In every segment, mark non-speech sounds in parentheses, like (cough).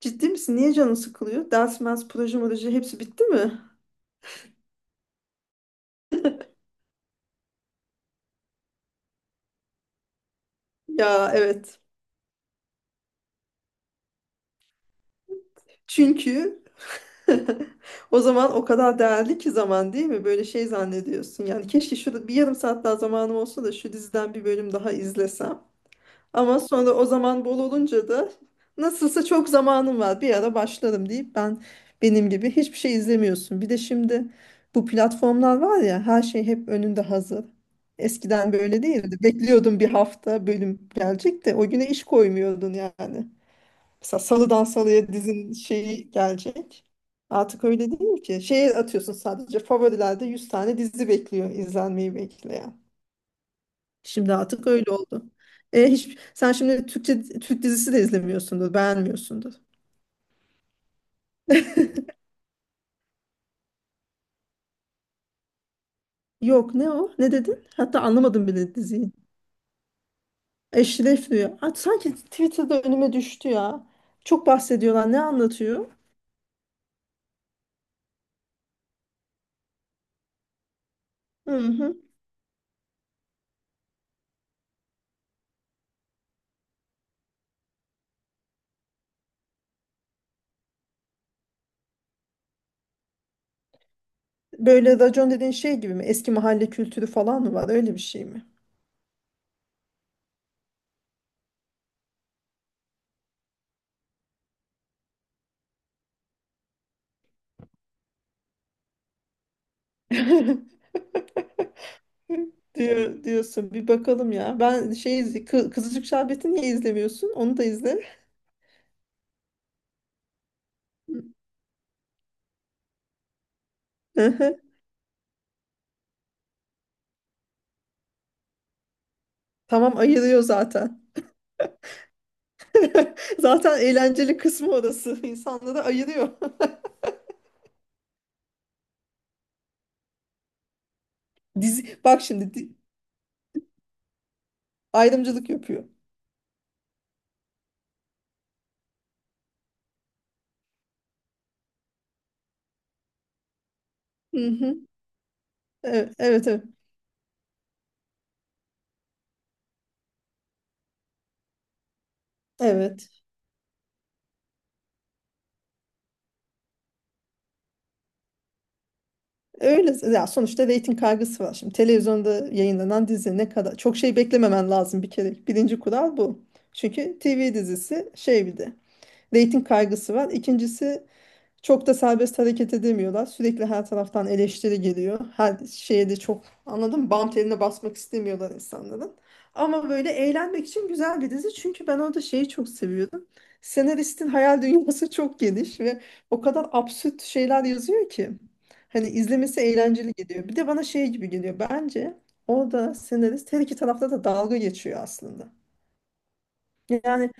Ciddi misin? Niye canın sıkılıyor? Ders, mers, proje hepsi bitti mi? Ya evet. Çünkü (laughs) o zaman o kadar değerli ki zaman değil mi? Böyle şey zannediyorsun. Yani keşke şurada bir yarım saat daha zamanım olsa da şu diziden bir bölüm daha izlesem. Ama sonra o zaman bol olunca da nasılsa çok zamanım var bir ara başlarım deyip benim gibi hiçbir şey izlemiyorsun. Bir de şimdi bu platformlar var ya, her şey hep önünde hazır. Eskiden böyle değildi. Bekliyordun bir hafta bölüm gelecek de o güne iş koymuyordun yani. Mesela salıdan salıya dizin şeyi gelecek. Artık öyle değil ki. Şeye atıyorsun, sadece favorilerde 100 tane dizi bekliyor, izlenmeyi bekleyen. Şimdi artık öyle oldu. E, hiç, sen şimdi Türkçe Türk dizisi de izlemiyorsundur, beğenmiyorsundur. Yok, ne o? Ne dedin? Hatta anlamadım bile diziyi. Eşref Rüya. Aa, sanki Twitter'da önüme düştü ya. Çok bahsediyorlar. Ne anlatıyor? Hı hı. Böyle racon dediğin şey gibi mi? Eski mahalle kültürü falan mı var? Öyle bir şey mi? (laughs) Diyor, diyorsun. Bir bakalım ya. Ben şey izle, Kızılcık Şerbeti niye izlemiyorsun? Onu da izle. (laughs) Tamam, ayırıyor zaten. (laughs) Zaten eğlenceli kısmı orası. İnsanları ayırıyor. (laughs) Dizi, bak şimdi ayrımcılık yapıyor. Hı hı. Evet, evet, evet. Evet. Öyle. Ya sonuçta reyting kaygısı var. Şimdi televizyonda yayınlanan dizi ne kadar çok şey beklememen lazım bir kere. Birinci kural bu. Çünkü TV dizisi şey, bir de reyting kaygısı var. İkincisi, çok da serbest hareket edemiyorlar. Sürekli her taraftan eleştiri geliyor. Her şeye de çok, anladın mı? Bam teline basmak istemiyorlar insanların. Ama böyle eğlenmek için güzel bir dizi. Çünkü ben orada şeyi çok seviyordum. Senaristin hayal dünyası (laughs) çok geniş ve o kadar absürt şeyler yazıyor ki. Hani izlemesi eğlenceli geliyor. Bir de bana şey gibi geliyor. Bence orada senarist her iki tarafta da dalga geçiyor aslında. Yani,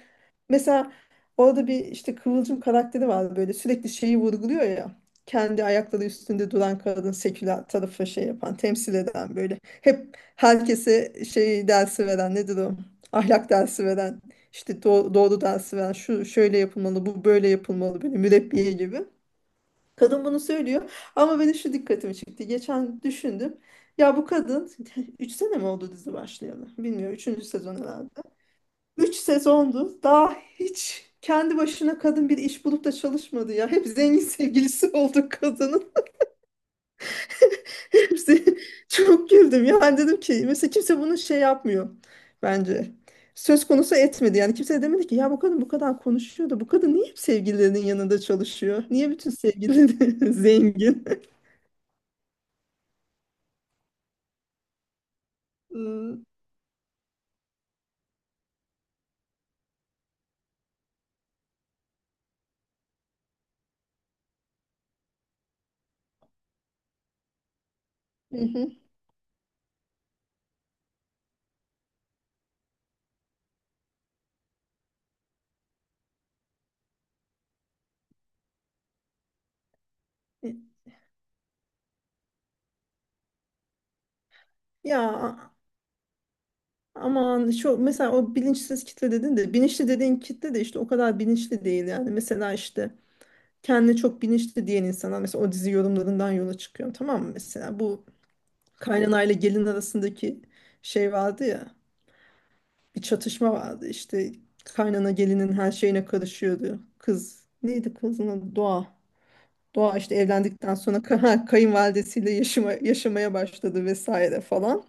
mesela orada bir işte Kıvılcım karakteri var, böyle sürekli şeyi vurguluyor ya. Kendi ayakları üstünde duran kadın, seküler tarafı şey yapan, temsil eden böyle. Hep herkese şey dersi veren, nedir o? Ahlak dersi veren, işte doğru dersi veren, şu şöyle yapılmalı, bu böyle yapılmalı, böyle mürebbiye gibi. Kadın bunu söylüyor, ama benim şu dikkatimi çekti. Geçen düşündüm. Ya bu kadın (laughs) 3 sene mi oldu dizi başlayalı? Bilmiyorum, üçüncü sezon herhalde. 3 sezondu. Daha hiç kendi başına kadın bir iş bulup da çalışmadı ya. Hep zengin (laughs) sevgilisi oldu kadının. (laughs) Hepsi. Çok güldüm. Yani dedim ki mesela kimse bunu şey yapmıyor bence. Söz konusu etmedi. Yani kimse de demedi ki ya bu kadın bu kadar konuşuyor da bu kadın niye hep sevgililerinin yanında çalışıyor? Niye bütün sevgilileri (laughs) zengin? (laughs) Hmm. Hı hı. Ya aman, şu mesela, o bilinçsiz kitle dedin de bilinçli dediğin kitle de işte o kadar bilinçli değil yani. Mesela işte kendini çok bilinçli diyen insanlar, mesela o dizi yorumlarından yola çıkıyorum, tamam mı, mesela bu kaynanayla gelin arasındaki şey vardı ya, bir çatışma vardı işte, kaynana gelinin her şeyine karışıyordu, kız neydi, kızın adı Doğa. Doğa işte evlendikten sonra (laughs) kayınvalidesiyle yaşamaya başladı vesaire falan.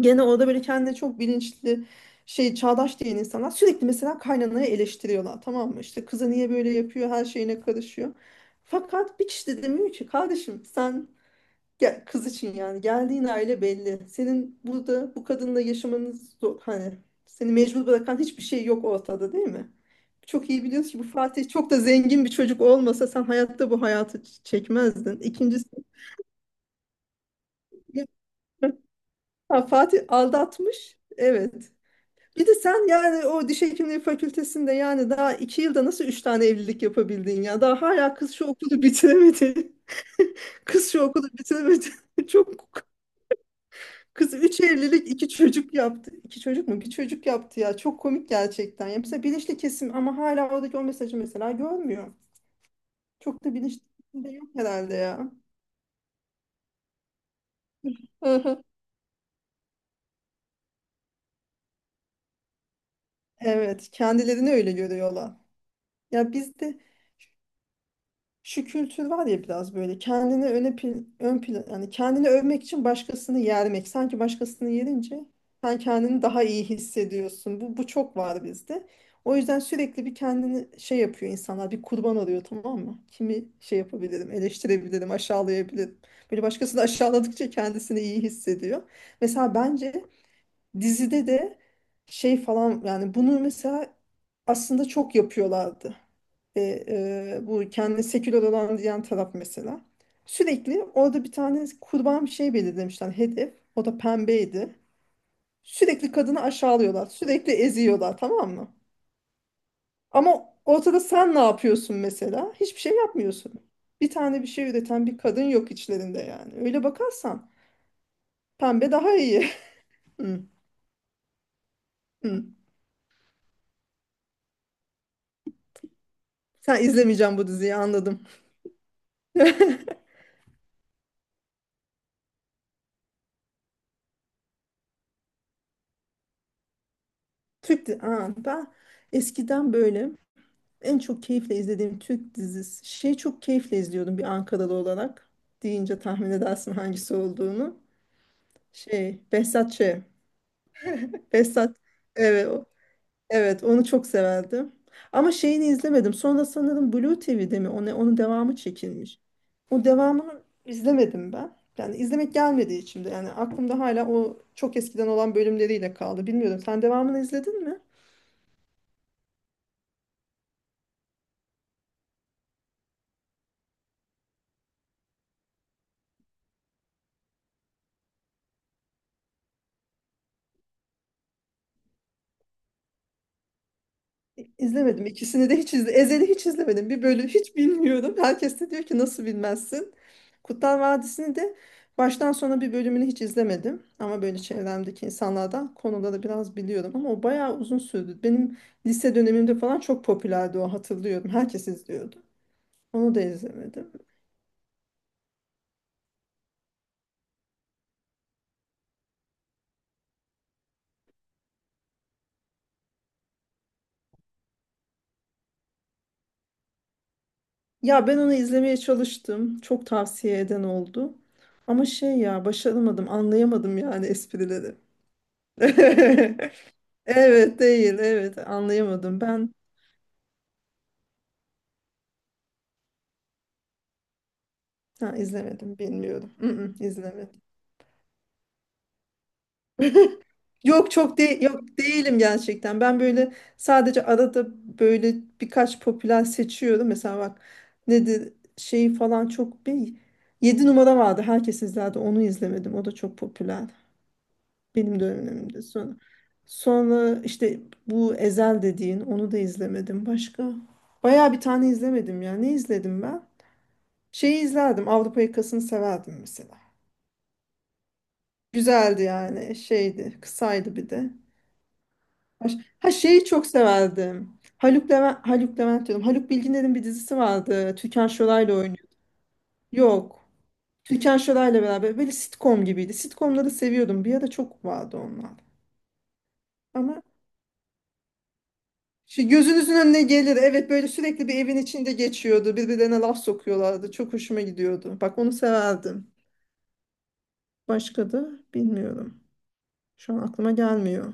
Gene orada böyle kendine çok bilinçli, şey, çağdaş diyen insanlar sürekli mesela kaynanayı eleştiriyorlar, tamam mı? İşte kızı niye böyle yapıyor, her şeyine karışıyor. Fakat bir kişi de demiyor ki kardeşim, sen gel, kız için yani, geldiğin aile belli. Senin burada bu kadınla yaşamanız hani, seni mecbur bırakan hiçbir şey yok ortada, değil mi? Çok iyi biliyoruz ki bu Fatih çok da zengin bir çocuk olmasa, sen hayatta bu hayatı çekmezdin. İkincisi, (laughs) ha, Fatih aldatmış. Evet. Bir de sen yani o diş hekimliği fakültesinde yani daha 2 yılda nasıl üç tane evlilik yapabildin ya? Daha hala kız şu okulu bitiremedi. (laughs) Kız şu okulu bitiremedi. (laughs) Çok. Kız üç evlilik, iki çocuk yaptı. İki çocuk mu? Bir çocuk yaptı ya. Çok komik gerçekten. Ya mesela bilinçli kesim ama hala oradaki o mesajı mesela görmüyor. Çok da bilinçli kesim de yok herhalde ya. Hı hı. Evet, kendilerini öyle görüyorlar. Ya bizde şu kültür var ya, biraz böyle kendini öne ön plan, yani kendini övmek için başkasını yermek, sanki başkasını yerince sen kendini daha iyi hissediyorsun, bu çok var bizde. O yüzden sürekli bir kendini şey yapıyor insanlar, bir kurban arıyor, tamam mı, kimi şey yapabilirim, eleştirebilirim, aşağılayabilirim, böyle başkasını aşağıladıkça kendisini iyi hissediyor. Mesela bence dizide de şey falan, yani bunu mesela aslında çok yapıyorlardı, ve bu kendine seküler olan diyen taraf mesela. Sürekli orada bir tane kurban, bir şey belirlemişler hedef. O da pembeydi. Sürekli kadını aşağılıyorlar. Sürekli eziyorlar, tamam mı? Ama ortada sen ne yapıyorsun mesela? Hiçbir şey yapmıyorsun. Bir tane bir şey üreten bir kadın yok içlerinde yani. Öyle bakarsan pembe daha iyi. (laughs) Hı, hı. Sen izlemeyeceğim bu diziyi, anladım. (laughs) Türk aa, ben eskiden böyle. En çok keyifle izlediğim Türk dizisi, şey, çok keyifle izliyordum bir Ankaralı olarak. Deyince tahmin edersin hangisi olduğunu. Şey, Behzat Ç. Behzat. Evet, evet, onu çok severdim. Ama şeyini izlemedim. Sonra sanırım Blue TV'de mi? Onun devamı çekilmiş. O devamını izlemedim ben. Yani izlemek gelmedi içimde. Yani aklımda hala o çok eskiden olan bölümleriyle kaldı. Bilmiyorum. Sen devamını izledin mi? İzlemedim. İkisini de hiç izle. Ezel'i hiç izlemedim. Bir bölüm hiç bilmiyorum. Herkes de diyor ki nasıl bilmezsin. Kurtlar Vadisi'ni de baştan sona bir bölümünü hiç izlemedim. Ama böyle çevremdeki insanlardan konuları biraz biliyorum. Ama o bayağı uzun sürdü. Benim lise dönemimde falan çok popülerdi o, hatırlıyorum. Herkes izliyordu. Onu da izlemedim. Ya ben onu izlemeye çalıştım. Çok tavsiye eden oldu. Ama şey ya, başaramadım, anlayamadım yani esprileri. (laughs) Evet değil, evet, anlayamadım ben. Ha, izlemedim, bilmiyorum. İzlemedim. Yok, çok değil, yok, değilim gerçekten, ben böyle sadece arada böyle birkaç popüler seçiyorum, mesela bak, nedir şeyi falan, çok bir 7 numara vardı, herkes izlerdi, onu izlemedim, o da çok popüler benim dönemimde. Sonra işte bu Ezel dediğin, onu da izlemedim. Başka baya bir tane izlemedim ya, ne izledim ben? Şeyi izlerdim. Avrupa Yakası'nı severdim mesela. Güzeldi yani. Şeydi. Kısaydı bir de. Ha, ha, şeyi çok severdim. Haluk Levent, Haluk Levent diyorum. Haluk Bilginer'in bir dizisi vardı. Türkan Şoray'la oynuyor. Yok. Türkan Şoray'la beraber. Böyle sitcom gibiydi. Sitcomları seviyordum. Bir ara çok vardı onlar. Ama şey, gözünüzün önüne gelir. Evet, böyle sürekli bir evin içinde geçiyordu. Birbirlerine laf sokuyorlardı. Çok hoşuma gidiyordu. Bak onu severdim. Başka da bilmiyorum. Şu an aklıma gelmiyor.